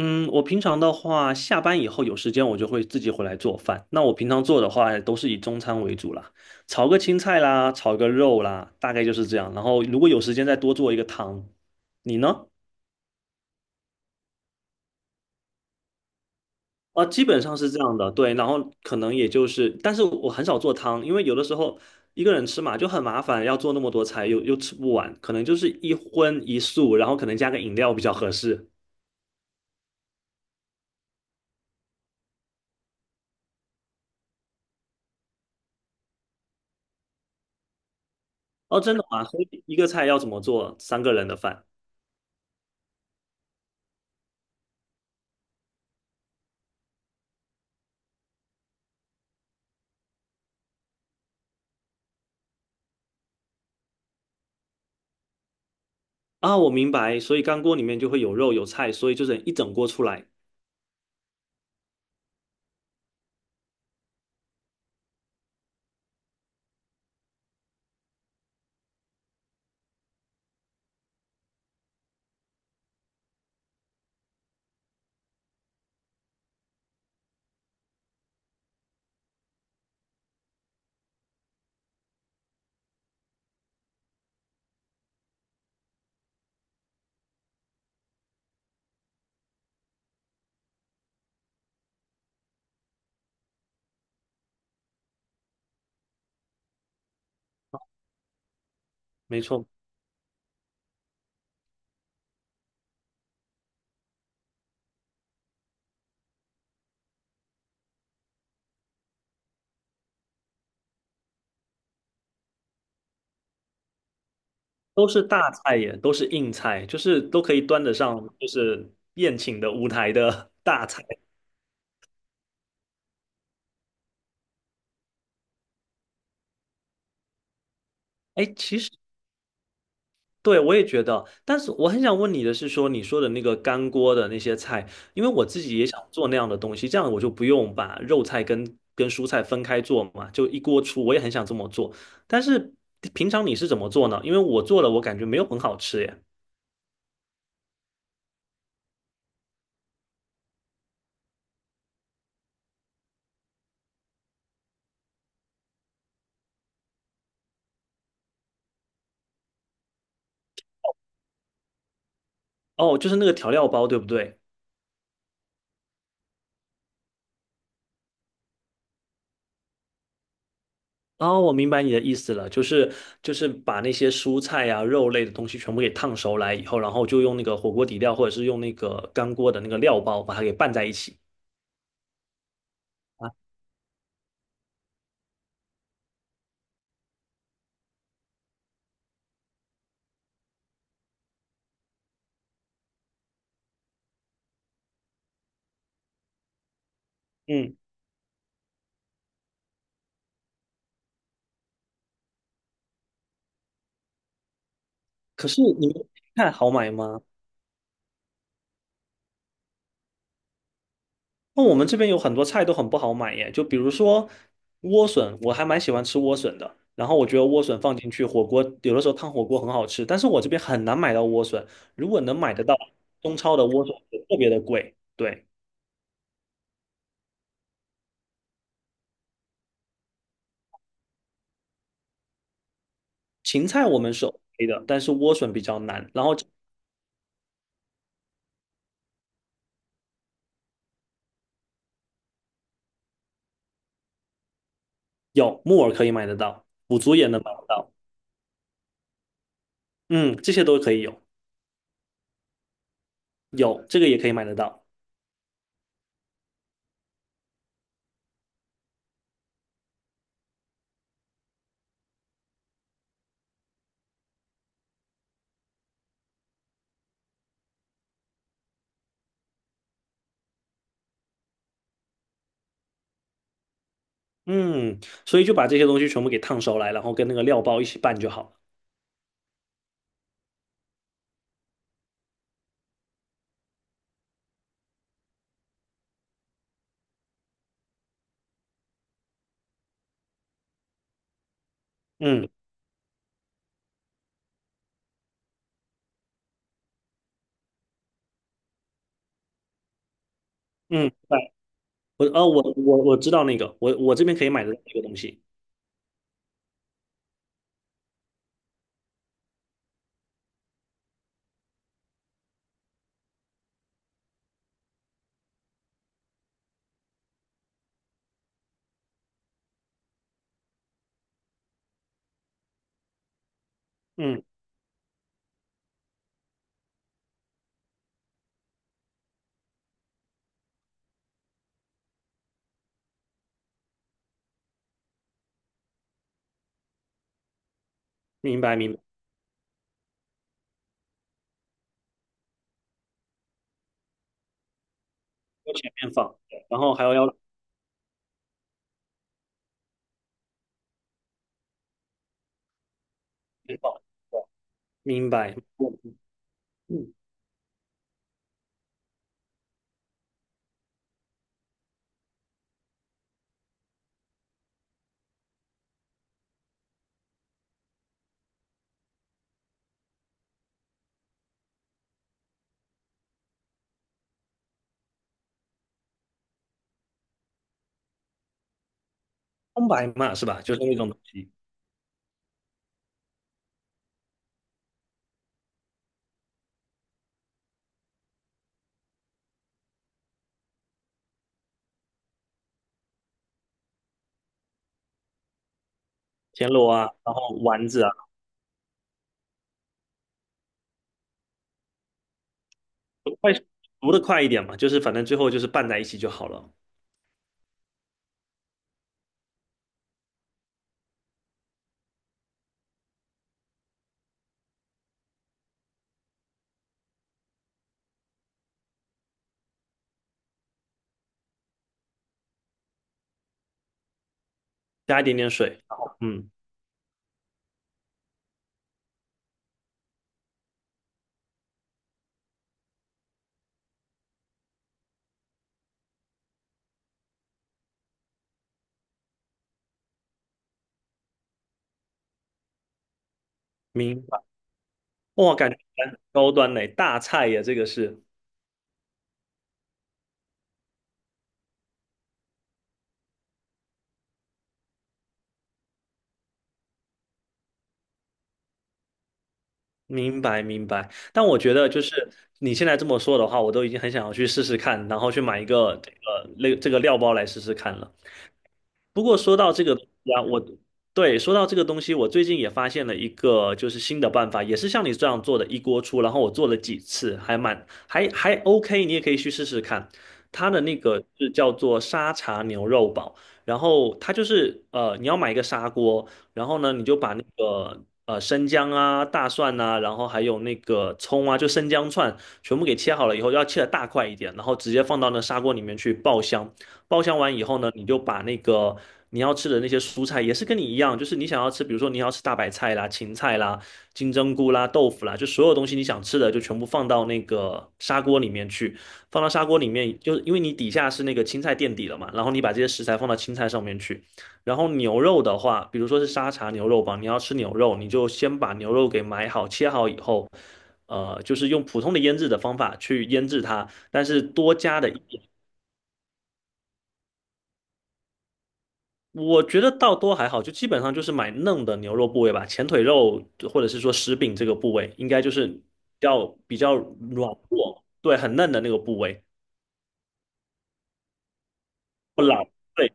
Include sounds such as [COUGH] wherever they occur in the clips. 嗯，我平常的话，下班以后有时间我就会自己回来做饭。那我平常做的话，都是以中餐为主啦，炒个青菜啦，炒个肉啦，大概就是这样。然后如果有时间再多做一个汤。你呢？啊，基本上是这样的，对。然后可能也就是，但是我很少做汤，因为有的时候一个人吃嘛就很麻烦，要做那么多菜又吃不完，可能就是一荤一素，然后可能加个饮料比较合适。哦，真的吗？所以一个菜要怎么做三个人的饭？啊，我明白，所以干锅里面就会有肉有菜，所以就是一整锅出来，没错，都是大菜耶，都是硬菜，就是都可以端得上，就是宴请的舞台的 [LAUGHS] 大菜。哎，其实对我也觉得，但是我很想问你的是说，你说的那个干锅的那些菜，因为我自己也想做那样的东西，这样我就不用把肉菜跟蔬菜分开做嘛，就一锅出，我也很想这么做，但是平常你是怎么做呢？因为我做了，我感觉没有很好吃耶。哦，就是那个调料包，对不对？哦，我明白你的意思了，就是把那些蔬菜啊、肉类的东西全部给烫熟来以后，然后就用那个火锅底料或者是用那个干锅的那个料包把它给拌在一起啊。嗯，可是你们菜好买吗？那我们这边有很多菜都很不好买耶，就比如说莴笋，我还蛮喜欢吃莴笋的。然后我觉得莴笋放进去火锅，有的时候烫火锅很好吃，但是我这边很难买到莴笋。如果能买得到，中超的莴笋特别的贵。对。芹菜我们是 OK 的，但是莴笋比较难。然后有木耳可以买得到，腐竹也能买得到，嗯，这些都可以有，有这个也可以买得到，嗯，所以就把这些东西全部给烫熟来，然后跟那个料包一起拌就好了。嗯嗯，对，我知道那个，我这边可以买得到这个东西。嗯，明白明白，要前面放，对然后还要后面放，对明白。嗯，嗯葱白嘛是吧？就是那种东西，田螺啊，然后丸子啊。快熟的快一点嘛，就是反正最后就是拌在一起就好了，加一点点水。然后嗯，明白。哇，感觉蛮高端嘞，大菜呀，这个是。明白明白。但我觉得就是你现在这么说的话，我都已经很想要去试试看，然后去买一个这个类这个料包来试试看了。不过说到这个东西啊，对，说到这个东西，我最近也发现了一个就是新的办法，也是像你这样做的一锅出，然后我做了几次，还蛮还 OK,你也可以去试试看。它的那个是叫做沙茶牛肉煲，然后它就是你要买一个砂锅，然后呢，你就把那个生姜啊、大蒜呐、然后还有那个葱啊，就生姜串全部给切好了以后，要切的大块一点，然后直接放到那砂锅里面去爆香。包厢完以后呢，你就把那个你要吃的那些蔬菜，也是跟你一样，就是你想要吃，比如说你要吃大白菜啦、芹菜啦、金针菇啦、豆腐啦，就所有东西你想吃的就全部放到那个砂锅里面去。放到砂锅里面，就是因为你底下是那个青菜垫底了嘛，然后你把这些食材放到青菜上面去。然后牛肉的话，比如说是沙茶牛肉吧，你要吃牛肉，你就先把牛肉给买好、切好以后，就是用普通的腌制的方法去腌制它，但是多加的。一点。我觉得倒多还好，就基本上就是买嫩的牛肉部位吧，前腿肉或者是说食饼这个部位，应该就是要比较软糯，对，很嫩的那个部位，不老。对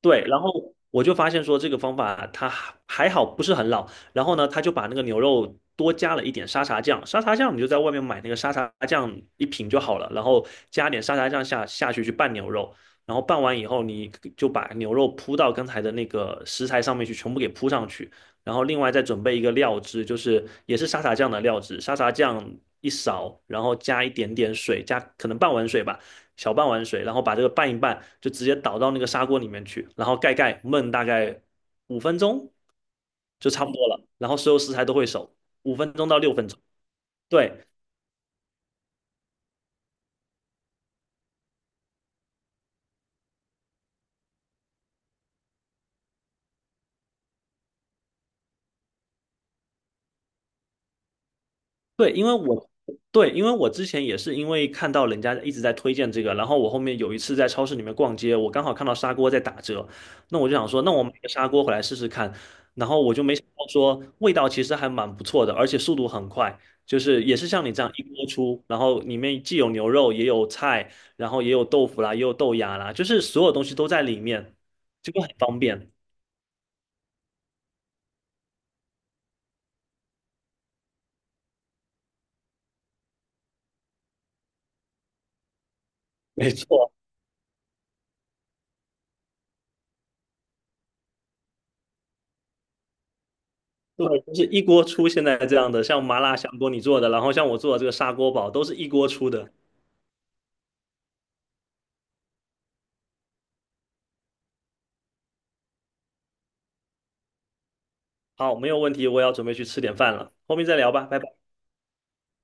对，然后我就发现说这个方法它还好不是很老，然后呢，他就把那个牛肉多加了一点沙茶酱，沙茶酱你就在外面买那个沙茶酱一瓶就好了，然后加点沙茶酱下去拌牛肉，然后拌完以后你就把牛肉铺到刚才的那个食材上面去，全部给铺上去，然后另外再准备一个料汁，就是也是沙茶酱的料汁，沙茶酱一勺，然后加一点点水，加可能半碗水吧。小半碗水，然后把这个拌一拌，就直接倒到那个砂锅里面去，然后盖焖大概五分钟就差不多了。然后所有食材都会熟，五分钟到6分钟。对，对，因为我之前也是因为看到人家一直在推荐这个，然后我后面有一次在超市里面逛街，我刚好看到砂锅在打折，那我就想说，那我买个砂锅回来试试看，然后我就没想到说味道其实还蛮不错的，而且速度很快，就是也是像你这样一锅出，然后里面既有牛肉也有菜，然后也有豆腐啦，也有豆芽啦，就是所有东西都在里面，这个很方便。没错，对，就是一锅出现在这样的，像麻辣香锅你做的，然后像我做的这个砂锅煲，都是一锅出的。好，没有问题，我也要准备去吃点饭了，后面再聊吧，拜拜。